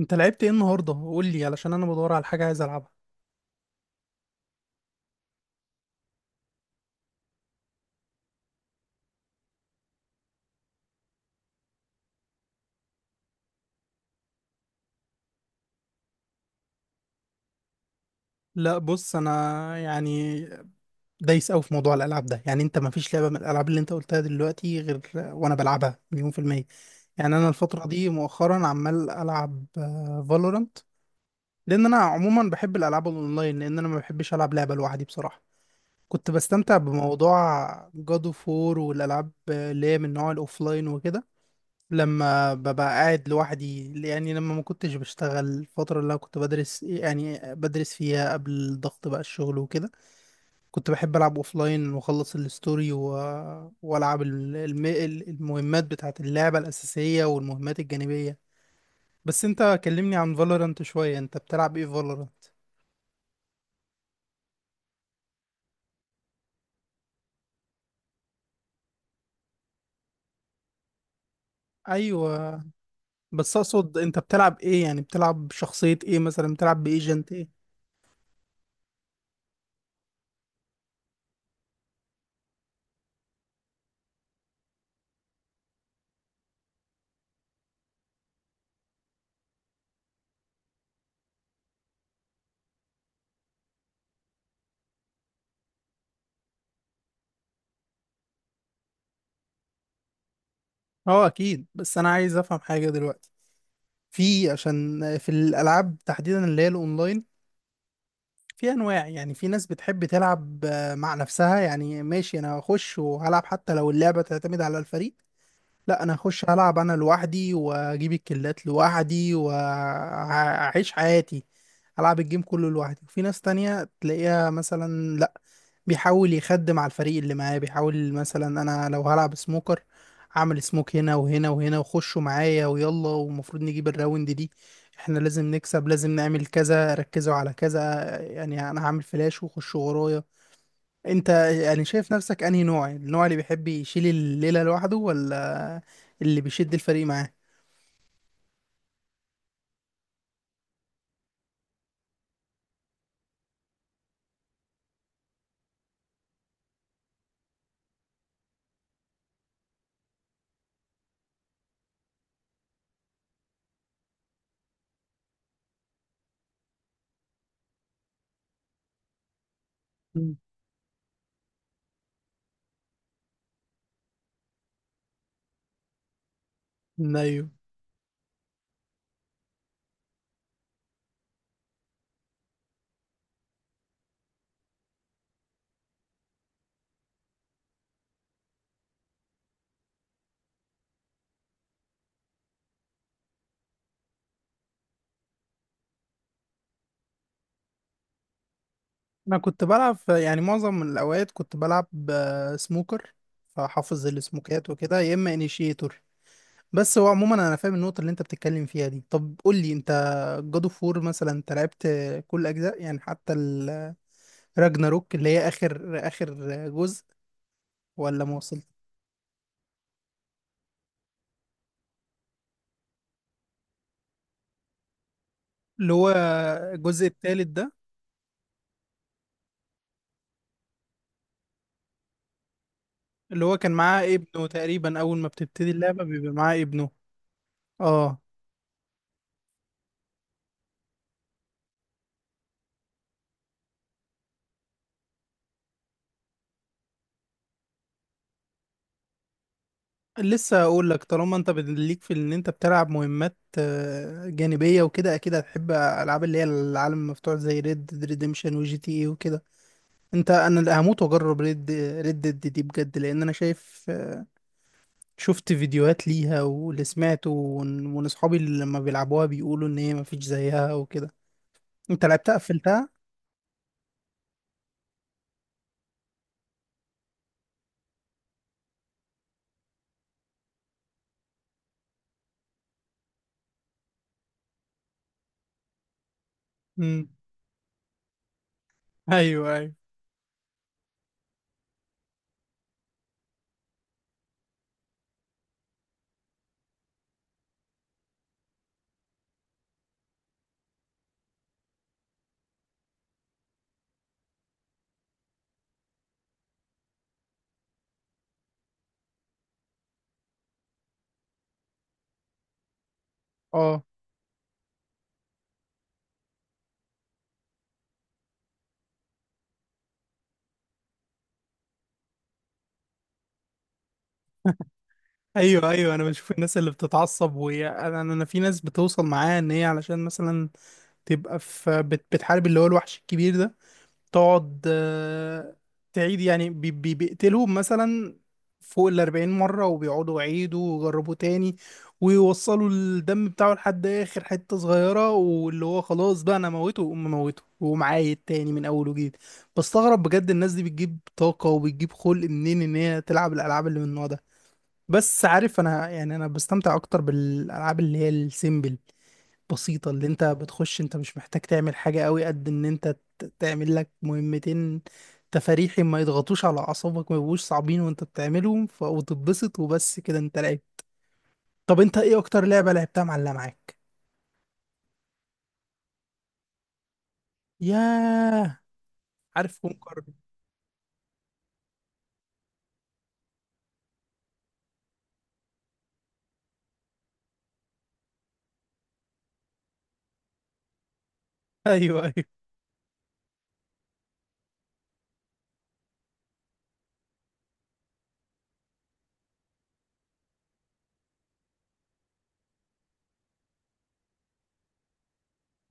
انت لعبت ايه النهارده؟ قول لي علشان انا بدور على حاجه عايز العبها. لا بص، انا يعني دايس قوي في موضوع الالعاب ده. يعني انت ما فيش لعبه من الالعاب اللي انت قلتها دلوقتي غير وانا بلعبها مليون في الميه. يعني انا الفتره دي مؤخرا عمال العب فالورانت، لان انا عموما بحب الالعاب الاونلاين، لان انا ما بحبش العب لعبه لوحدي بصراحه. كنت بستمتع بموضوع جادو فور والالعاب اللي هي من نوع الاوفلاين وكده، لما ببقى قاعد لوحدي. يعني لما ما كنتش بشتغل، الفترة اللي أنا كنت بدرس، يعني بدرس فيها قبل ضغط بقى الشغل وكده، كنت بحب ألعب أوفلاين وأخلص الستوري وألعب المهمات بتاعة اللعبة الأساسية والمهمات الجانبية. بس أنت كلمني عن فالورانت شوية، أنت بتلعب إيه فالورانت؟ أيوة، بس أقصد أنت بتلعب إيه؟ يعني بتلعب شخصية إيه، مثلا بتلعب بإيجنت إيه؟ أه أكيد، بس أنا عايز أفهم حاجة دلوقتي. في، عشان في الالعاب تحديدا اللي هي الاونلاين، في انواع. يعني في ناس بتحب تلعب مع نفسها، يعني ماشي انا هخش وهلعب حتى لو اللعبه تعتمد على الفريق. لا، انا هخش هلعب انا لوحدي واجيب الكلات لوحدي واعيش حياتي. العب الجيم كله لوحدي. وفي ناس تانية تلاقيها مثلا لا، بيحاول يخدم على الفريق اللي معاه. بيحاول مثلا، انا لو هلعب سموكر، اعمل سموك هنا وهنا وهنا وخشوا معايا ويلا، ومفروض نجيب الراوند دي. احنا لازم نكسب، لازم نعمل كذا، ركزوا على كذا. يعني انا هعمل فلاش وخشوا ورايا. انت يعني شايف نفسك انهي نوع؟ النوع اللي بيحب يشيل الليلة لوحده، ولا اللي بيشد الفريق معاه؟ مم. ايوه. انا كنت بلعب يعني معظم الاوقات كنت بلعب سموكر، فحافظ السموكات وكده، يا اما انيشيتور. بس هو عموما انا فاهم النقطه اللي انت بتتكلم فيها دي. طب قول لي انت، جاد اوف وور مثلا، انت لعبت كل اجزاء؟ يعني حتى الراجناروك اللي هي اخر اخر جزء، ولا ما وصلت؟ اللي هو الجزء الثالث ده؟ اللي هو كان معاه ابنه تقريبا. اول ما بتبتدي اللعبه بيبقى معاه ابنه. اه. لسه اقول لك، طالما انت ليك في ان انت بتلعب مهمات جانبيه وكده، اكيد هتحب العاب اللي هي العالم المفتوح زي ريد ريديمشن وجي تي اي وكده. انت، انا اللي هموت واجرب ريد، ريد ديد دي بجد، لان انا شايف، شفت فيديوهات ليها، واللي سمعته وان اصحابي اللي لما بيلعبوها بيقولوا ان هي مفيش زيها وكده. انت لعبتها؟ قفلتها؟ امم ايوه ايوه. اه، ايوه ايوه. انا بشوف الناس اللي بتتعصب، وهي انا انا، أنا في ناس بتوصل معاها ان هي علشان مثلا تبقى في بتحارب اللي هو الوحش الكبير ده، تقعد تعيد. يعني بيقتلهم مثلا فوق 40 مرة، وبيقعدوا يعيدوا ويجربوا تاني، ويوصلوا الدم بتاعه لحد آخر حتة صغيرة، واللي هو خلاص بقى أنا موته وأقوم، موته وأقوم، عايد تاني من أول وجديد. بستغرب بجد الناس دي بتجيب طاقة وبتجيب خلق منين إن هي تلعب الألعاب اللي من النوع ده. بس عارف، أنا يعني أنا بستمتع أكتر بالألعاب اللي هي السيمبل، بسيطة، اللي انت بتخش انت مش محتاج تعمل حاجة قوي، قد ان انت تعمل لك مهمتين تفاريحي، ما يضغطوش على اعصابك، ما يبقوش صعبين، وانت بتعملهم وتتبسط، وبس كده انت لعب. طب انت ايه اكتر لعبة لعبتها معلقة معاك؟ ياه، عارف كونكر ايوه ايوه.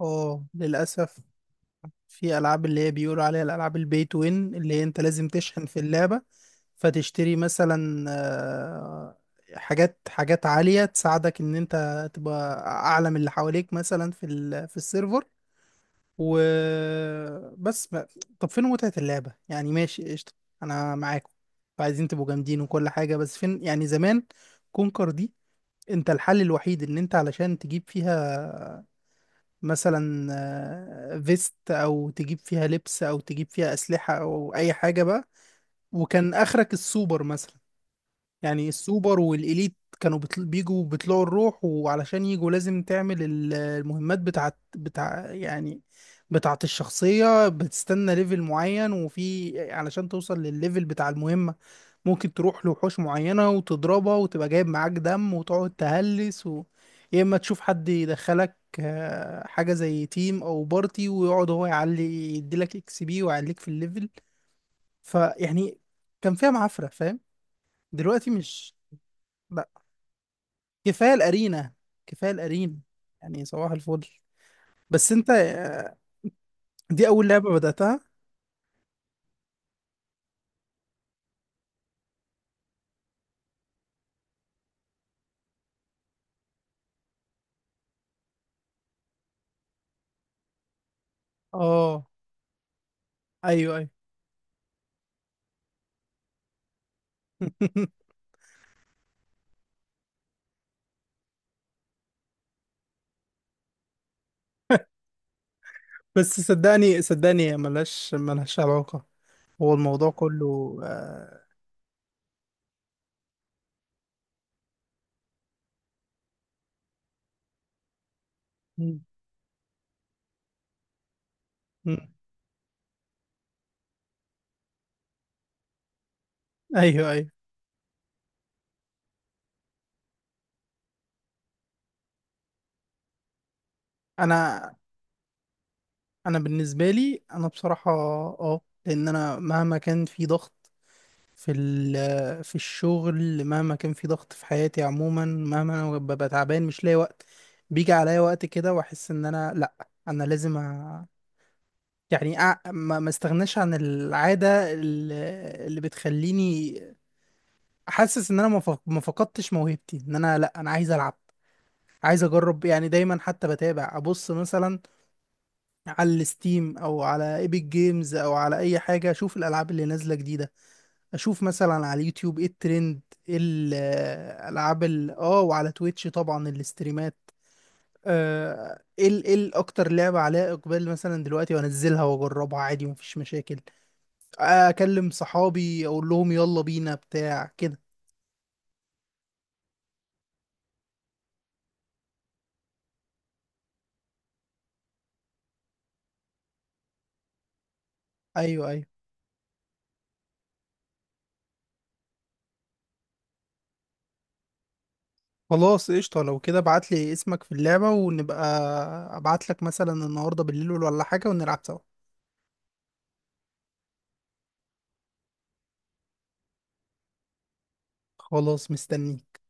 اه، للاسف في العاب اللي هي بيقولوا عليها الالعاب البي تو وين، اللي هي انت لازم تشحن في اللعبة، فتشتري مثلا حاجات، حاجات عالية تساعدك ان انت تبقى اعلى من اللي حواليك مثلا في السيرفر. وبس ما... طب فين متعة اللعبة؟ يعني ماشي، قشطة، انا معاكم، عايزين تبقوا جامدين وكل حاجة، بس فين؟ يعني زمان كونكر دي، انت الحل الوحيد ان انت علشان تجيب فيها مثلا فيست، او تجيب فيها لبس، او تجيب فيها اسلحة، او اي حاجة بقى، وكان اخرك السوبر مثلا. يعني السوبر والإليت كانوا بيجوا بيطلعوا الروح، وعلشان يجوا لازم تعمل المهمات بتاعت بتاع، يعني بتاعت الشخصية. بتستنى ليفل معين، وفي علشان توصل للليفل بتاع المهمة ممكن تروح لوحوش معينة وتضربها وتبقى جايب معاك دم وتقعد تهلس يا إما تشوف حد يدخلك حاجة زي تيم أو بارتي ويقعد هو يعلي، يديلك اكس بي ويعليك في الليفل. فيعني كان فيها معفرة، فاهم؟ دلوقتي مش، لا، كفايه الارينا، كفايه الارينا. يعني صباح الفل. بس انت دي اول لعبه بداتها؟ اه ايوه ايوه. بس صدقني، صدقني ملهاش، ملهاش علاقه. هو الموضوع كله آه، مم، مم. ايوه ايوه. انا انا بالنسبه لي، انا بصراحه اه، لان انا مهما كان في ضغط في ال- آه، في الشغل، مهما كان في ضغط في حياتي عموما، مهما انا ببقى تعبان مش لاقي وقت، بيجي عليا وقت كده واحس ان انا لا، انا لازم أ... يعني أ... ما ما استغناش عن العادة اللي بتخليني حاسس ان انا ما فقدتش موهبتي. ان انا لا، انا عايز العب، عايز اجرب. يعني دايما حتى بتابع، ابص مثلا على الستيم او على ايبك جيمز او على اي حاجة، اشوف الالعاب اللي نازلة جديدة، اشوف مثلا على اليوتيوب ايه الترند، ايه الالعاب. وعلى تويتش طبعا الاستريمات، ايه ايه اكتر لعبه عليها اقبال مثلا دلوقتي، وانزلها واجربها عادي مفيش مشاكل. اكلم صحابي اقول لهم يلا بينا بتاع كده. ايوه ايوه. خلاص قشطه، لو كده ابعت لي اسمك في اللعبه، ونبقى ابعت لك مثلا النهارده بالليل ولا حاجه ونلعب سوا. خلاص، مستنيك.